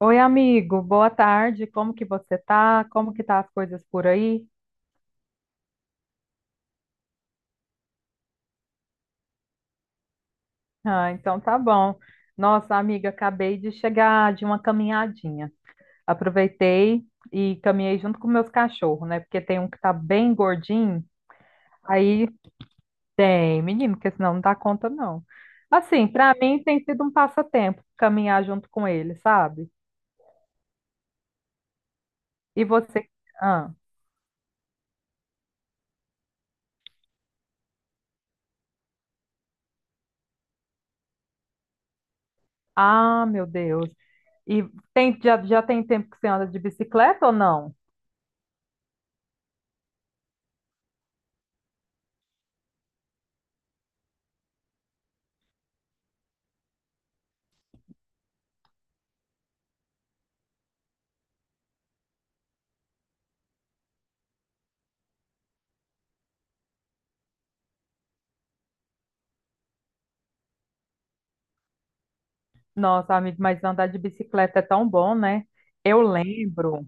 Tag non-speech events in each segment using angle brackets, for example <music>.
Oi, amigo, boa tarde. Como que você tá? Como que tá as coisas por aí? Ah, então tá bom. Nossa, amiga, acabei de chegar de uma caminhadinha. Aproveitei e caminhei junto com meus cachorros, né? Porque tem um que tá bem gordinho. Aí tem, menino, porque senão não dá conta, não. Assim, pra mim tem sido um passatempo caminhar junto com ele, sabe? E você? Ah, ah, meu Deus. E tem, já tem tempo que você anda de bicicleta ou não? Nossa, amigo, mas andar de bicicleta é tão bom, né? Eu lembro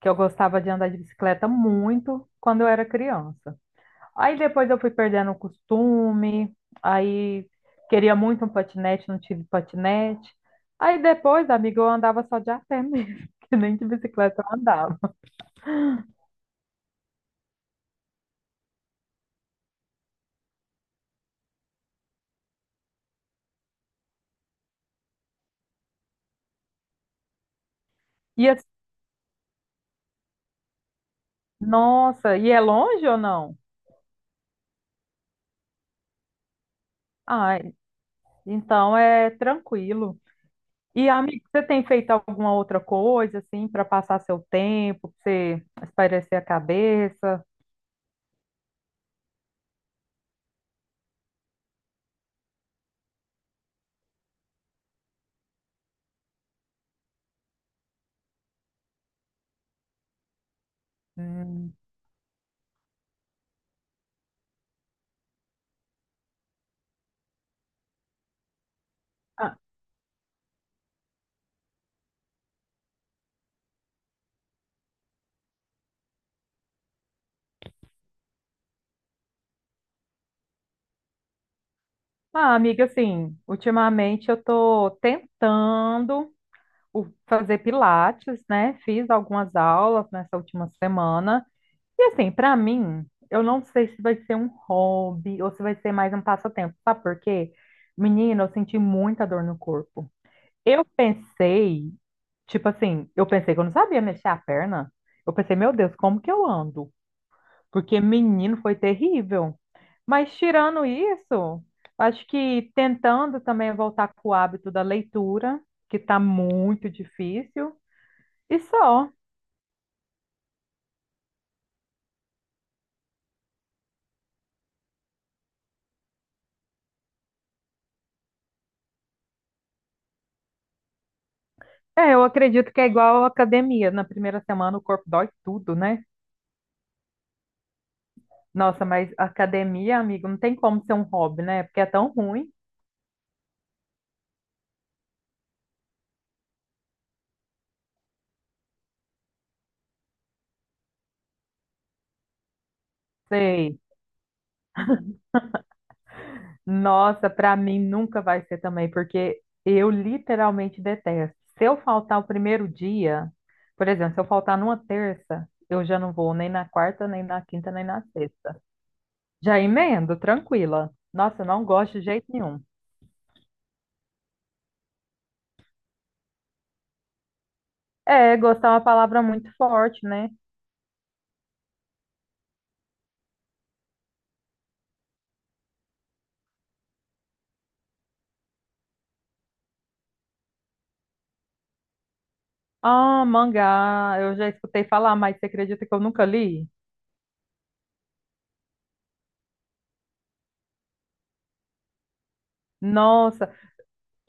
que eu gostava de andar de bicicleta muito quando eu era criança. Aí depois eu fui perdendo o costume, aí queria muito um patinete, não tive patinete. Aí depois, amigo, eu andava só de a pé mesmo, <laughs> que nem de bicicleta eu andava. E assim, nossa, e é longe ou não? Ai, então é tranquilo. E, amigo, você tem feito alguma outra coisa, assim, para passar seu tempo, para você espairecer a cabeça? Hum. Ah, ah, amiga, assim, ultimamente eu tô tentando fazer pilates, né? Fiz algumas aulas nessa última semana. E, assim, para mim, eu não sei se vai ser um hobby ou se vai ser mais um passatempo. Sabe por quê? Menina, eu senti muita dor no corpo. Eu pensei, tipo assim, eu pensei que eu não sabia mexer a perna. Eu pensei, meu Deus, como que eu ando? Porque menino foi terrível. Mas tirando isso, acho que tentando também voltar com o hábito da leitura, que tá muito difícil, e só. É, eu acredito que é igual à academia. Na primeira semana o corpo dói tudo, né? Nossa, mas academia, amigo, não tem como ser um hobby, né? Porque é tão ruim. Sei. Nossa, pra mim nunca vai ser também, porque eu literalmente detesto. Se eu faltar o primeiro dia, por exemplo, se eu faltar numa terça, eu já não vou nem na quarta, nem na quinta, nem na sexta. Já emendo, tranquila. Nossa, eu não gosto de jeito nenhum. É, gostar é uma palavra muito forte, né? Ah, mangá, eu já escutei falar, mas você acredita que eu nunca li? Nossa,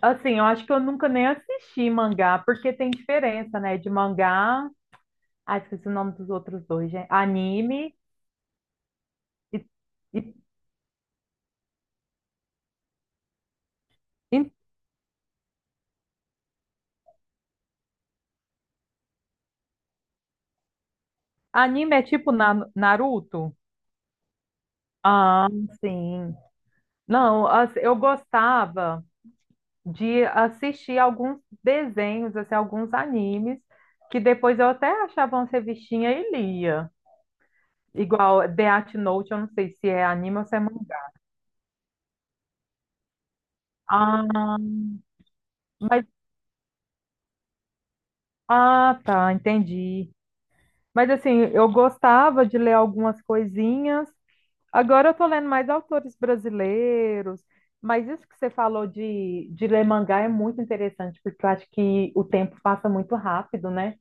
assim, eu acho que eu nunca nem assisti mangá, porque tem diferença, né, de mangá. Ah, esqueci o nome dos outros dois, gente. Anime e, e- e- anime é tipo Naruto? Ah, sim. Não, assim, eu gostava de assistir alguns desenhos, assim, alguns animes, que depois eu até achava umas revistinhas e lia. Igual Death Note, eu não sei se é anime ou se é mangá. Ah, mas, ah, tá, entendi. Mas assim, eu gostava de ler algumas coisinhas, agora eu tô lendo mais autores brasileiros, mas isso que você falou de ler mangá é muito interessante, porque eu acho que o tempo passa muito rápido, né?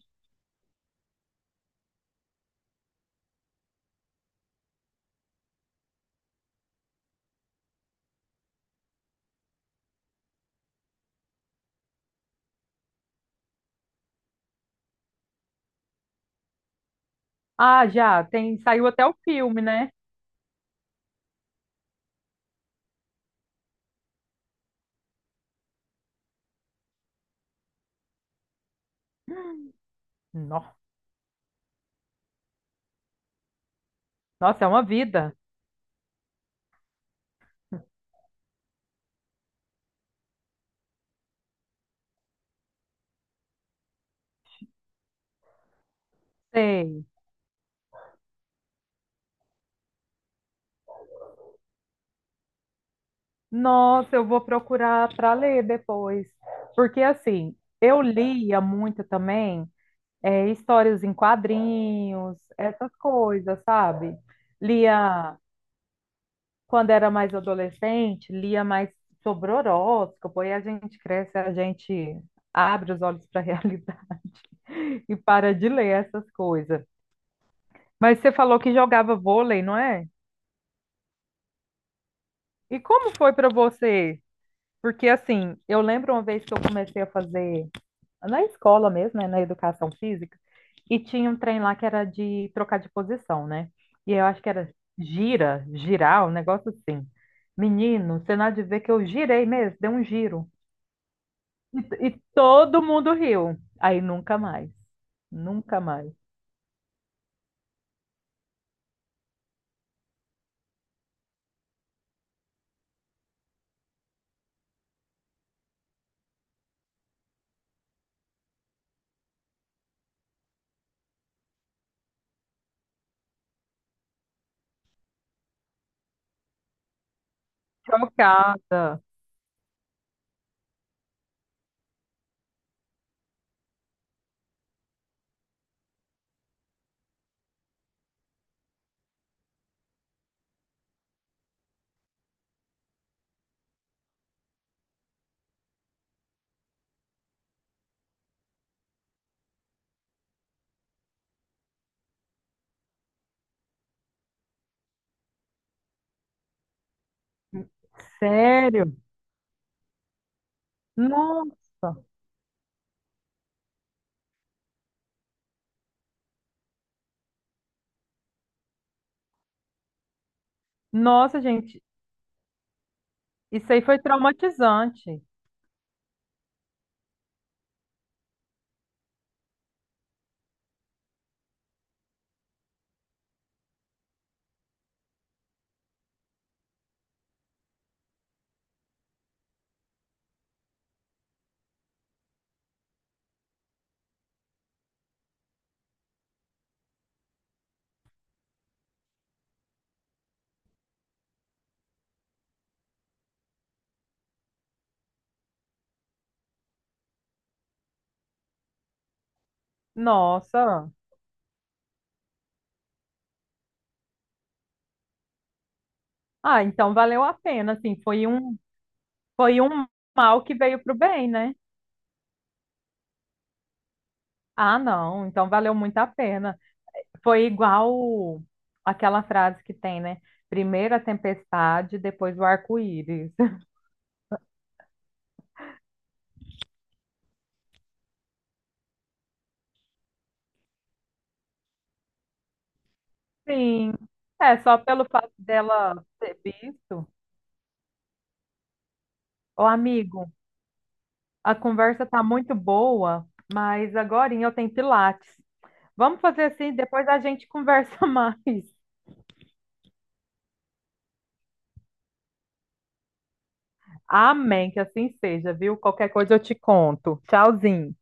Ah, já, tem, saiu até o filme, né? Nó- Nossa, é uma vida. Sei. Nossa, eu vou procurar para ler depois. Porque assim, eu lia muito também histórias em quadrinhos, essas coisas, sabe? Lia quando era mais adolescente, lia mais sobre horóscopo, aí a gente cresce, a gente abre os olhos para a realidade <laughs> e para de ler essas coisas. Mas você falou que jogava vôlei, não é? E como foi para você? Porque assim, eu lembro uma vez que eu comecei a fazer na escola mesmo, né, na educação física, e tinha um trem lá que era de trocar de posição, né? E eu acho que era gira, girar, um negócio assim. Menino, você não há de ver que eu girei mesmo, dei um giro. E todo mundo riu. Aí nunca mais. Nunca mais. Chocada. Sério? Nossa. Nossa, gente. Isso aí foi traumatizante. Nossa. Ah, então valeu a pena, assim, foi um mal que veio pro bem, né? Ah, não, então valeu muito a pena. Foi igual aquela frase que tem, né? Primeiro a tempestade, depois o arco-íris. Sim. É, só pelo fato dela ter visto. Ô, amigo, a conversa tá muito boa, mas agora eu tenho Pilates. Vamos fazer assim, depois a gente conversa <laughs> mais. Amém, que assim seja, viu? Qualquer coisa eu te conto. Tchauzinho.